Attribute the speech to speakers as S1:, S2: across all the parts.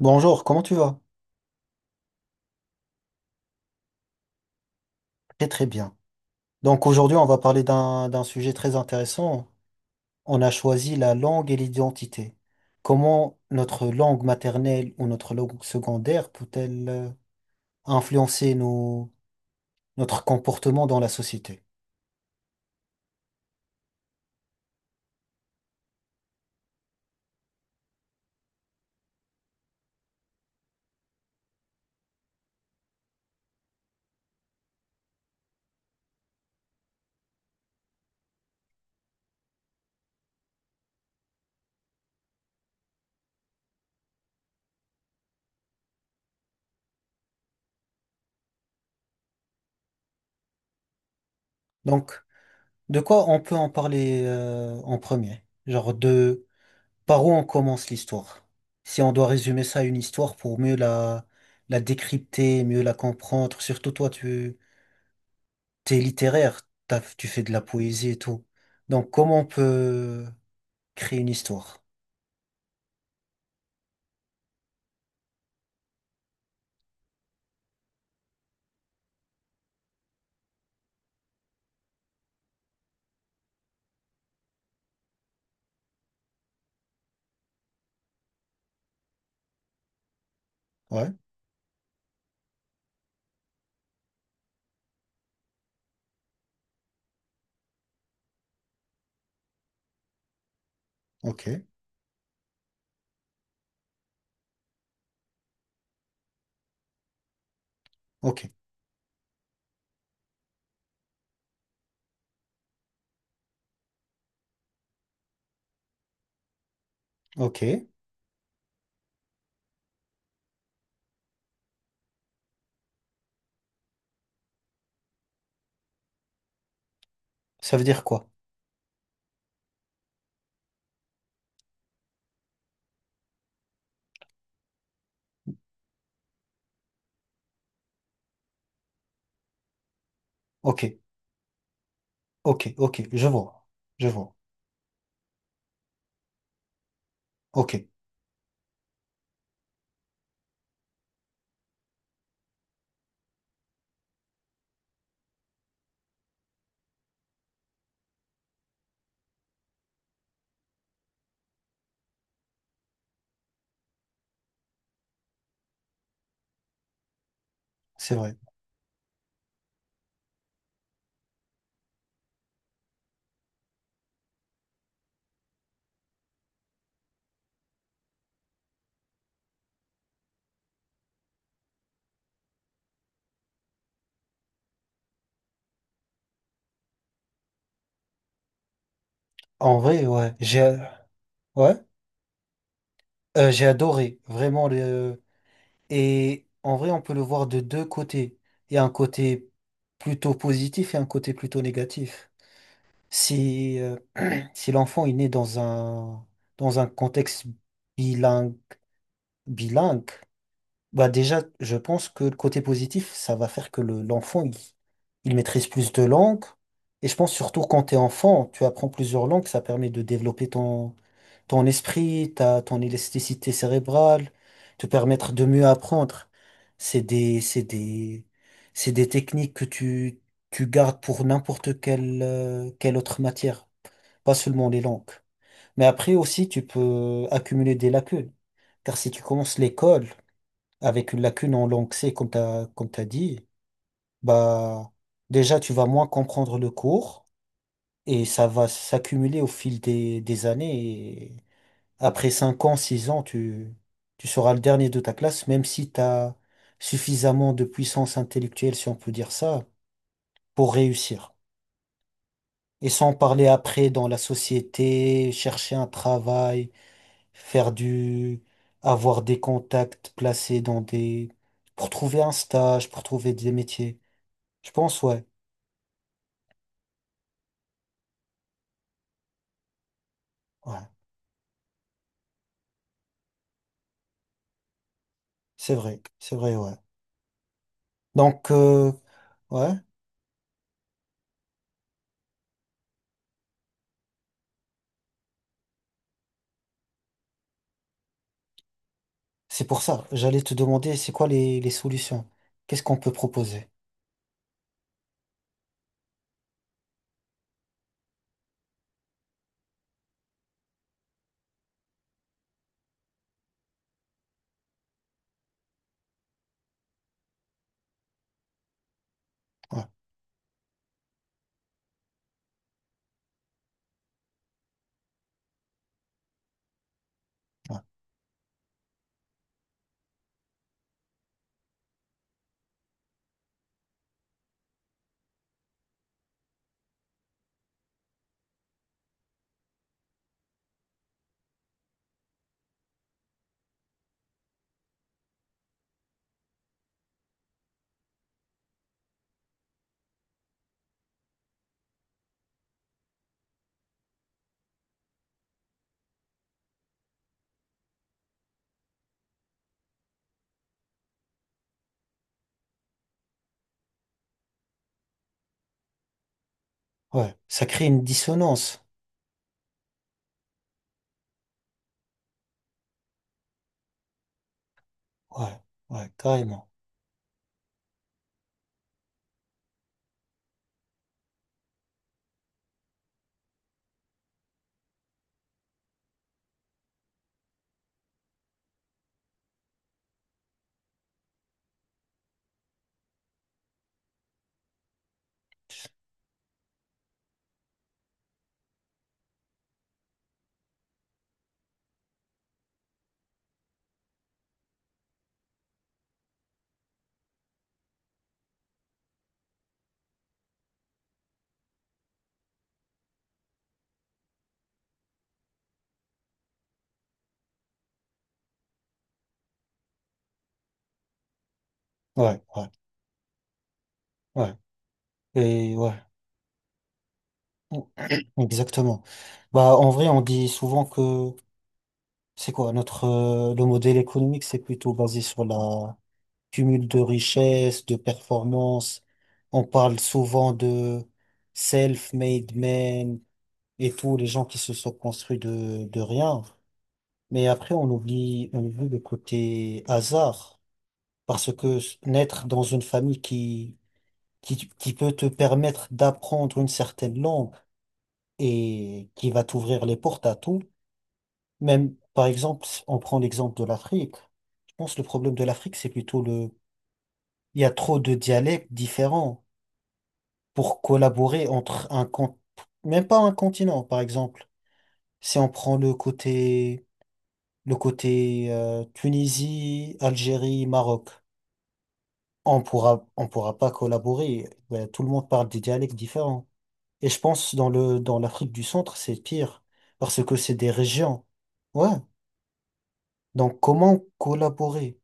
S1: Bonjour, comment tu vas? Très très bien. Donc aujourd'hui, on va parler d'un sujet très intéressant. On a choisi la langue et l'identité. Comment notre langue maternelle ou notre langue secondaire peut-elle influencer notre comportement dans la société? Donc, de quoi on peut en parler en premier? Genre de par où on commence l'histoire? Si on doit résumer ça à une histoire pour mieux la décrypter, mieux la comprendre, surtout toi, tu t'es littéraire, tu fais de la poésie et tout. Donc, comment on peut créer une histoire? Ouais, ok, ok, ok. Ça veut dire quoi? Ok, ok, ok, je vois, je vois. Ok, c'est vrai. En vrai, ouais, ouais, j'ai adoré, vraiment. Le... Et en vrai, on peut le voir de deux côtés. Il y a un côté plutôt positif et un côté plutôt négatif. Si, euh, si l'enfant est né dans un contexte bilingue, bilingue. Bah déjà, je pense que le côté positif, ça va faire que l'enfant, il maîtrise plus de langues. Et je pense surtout quand tu es enfant, tu apprends plusieurs langues, ça permet de développer ton esprit, ton élasticité cérébrale, te permettre de mieux apprendre. C'est des, c'est des, c'est des techniques que tu gardes pour n'importe quelle autre matière, pas seulement les langues. Mais après aussi, tu peux accumuler des lacunes. Car si tu commences l'école avec une lacune en langue C, comme t'as dit, bah, déjà, tu vas moins comprendre le cours et ça va s'accumuler au fil des années. Et après 5 ans, 6 ans, tu seras le dernier de ta classe, même si tu as suffisamment de puissance intellectuelle, si on peut dire ça, pour réussir. Et sans parler après dans la société, chercher un travail, faire du, avoir des contacts placés pour trouver un stage, pour trouver des métiers. Je pense, ouais. Ouais. C'est vrai. C'est vrai, ouais. Donc, ouais. C'est pour ça. J'allais te demander, c'est quoi les solutions? Qu'est-ce qu'on peut proposer? Ouais, ouais, ouais. Ça crée une dissonance. Ouais, ouais, carrément. Ouais, ouais, ouais. Et ouais. Exactement. Bah, en vrai, on dit souvent que c'est quoi notre le modèle économique, c'est plutôt basé sur la cumul de richesses, de performances. On parle souvent de self-made men et tous les gens qui se sont construits de rien. Mais après, on oublie le côté hasard. Parce que naître dans une famille qui peut te permettre d'apprendre une certaine langue et qui va t'ouvrir les portes à tout, même, par exemple, si on prend l'exemple de l'Afrique. Je pense que le problème de l'Afrique, c'est plutôt il y a trop de dialectes différents, pour collaborer entre même pas un continent, par exemple. Si on prend le côté, Tunisie, Algérie, Maroc, on pourra pas collaborer. Ben, tout le monde parle des dialectes différents. Et je pense dans l'Afrique du Centre, c'est pire parce que c'est des régions. Ouais. Donc comment collaborer?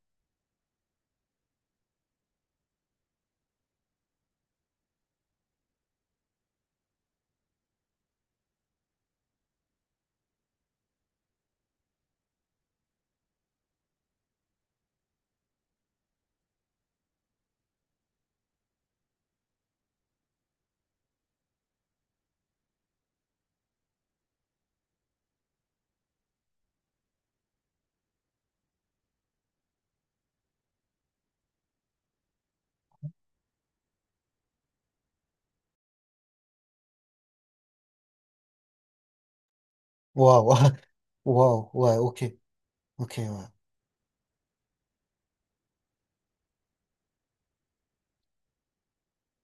S1: Waouh, waouh, ouais, ok, ok, ouais.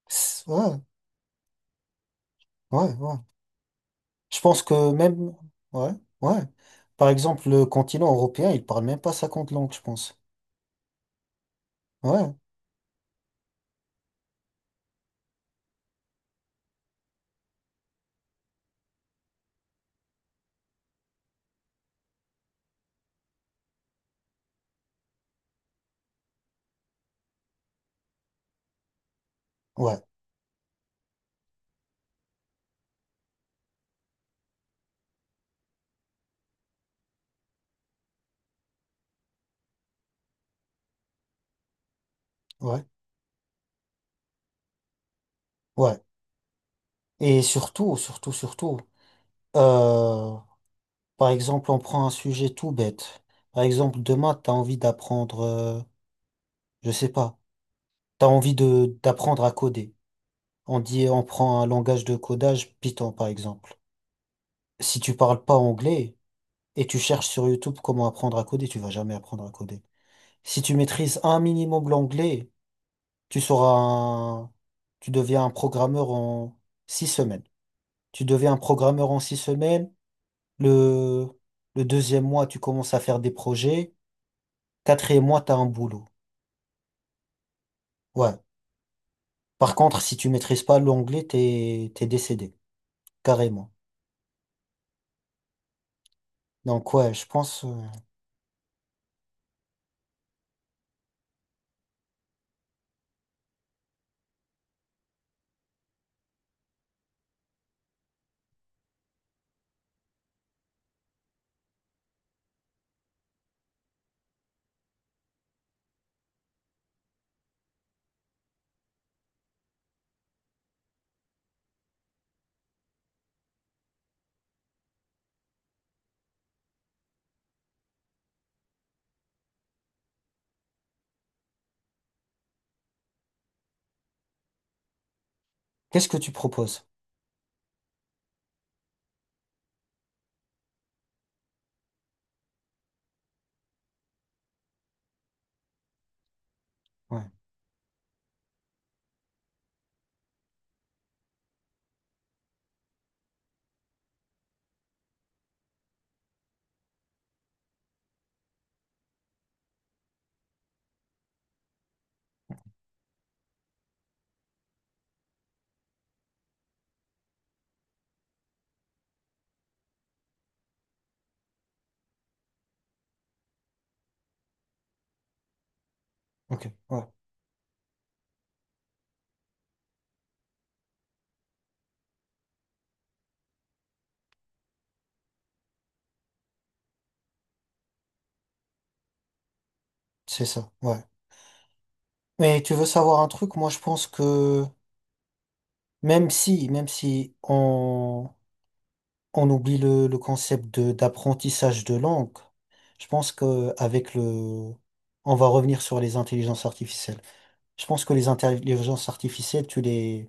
S1: Ouais, ouais, ouais. Je pense que même, ouais, ouais. Par exemple, le continent européen, il parle même pas 50 langues, je pense. Ouais, ouais, ouais, ouais. Et surtout, surtout, surtout, euh, par exemple, on prend un sujet tout bête. Par exemple, demain, t'as envie d'apprendre, je sais pas, t'as envie de d'apprendre à coder. On prend un langage de codage, Python, par exemple. Si tu parles pas anglais et tu cherches sur YouTube comment apprendre à coder, tu vas jamais apprendre à coder. Si tu maîtrises un minimum l'anglais, tu seras un... Tu deviens un programmeur en 6 semaines. Tu deviens un programmeur en six semaines. Le, le deuxième mois, tu commences à faire des projets. Quatrième mois, t'as un boulot. Ouais. Par contre, si tu maîtrises pas l'anglais, t'es décédé. Carrément. Donc, ouais, je pense, qu'est-ce que tu proposes? Ouais. Ok. Ouais. C'est ça. Ouais. Mais tu veux savoir un truc? Moi, je pense que même si on oublie le concept de d'apprentissage de langue. Je pense que on va revenir sur les intelligences artificielles. Je pense que les intelligences artificielles,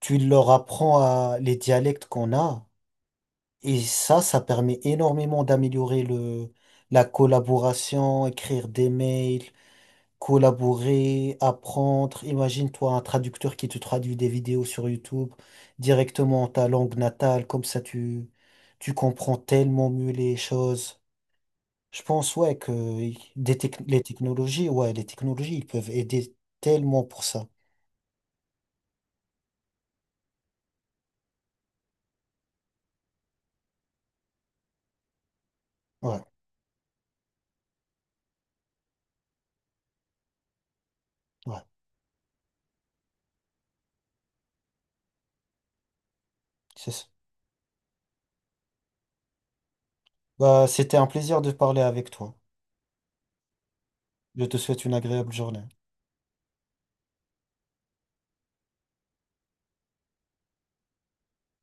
S1: tu leur apprends à les dialectes qu'on a, et ça permet énormément d'améliorer la collaboration, écrire des mails, collaborer, apprendre. Imagine-toi un traducteur qui te traduit des vidéos sur YouTube directement en ta langue natale, comme ça tu comprends tellement mieux les choses. Je pense, ouais, que les technologies, ouais, les technologies, ils peuvent aider tellement pour ça. Ouais, ouais, c'est ça. Bah, c'était un plaisir de parler avec toi. Je te souhaite une agréable journée.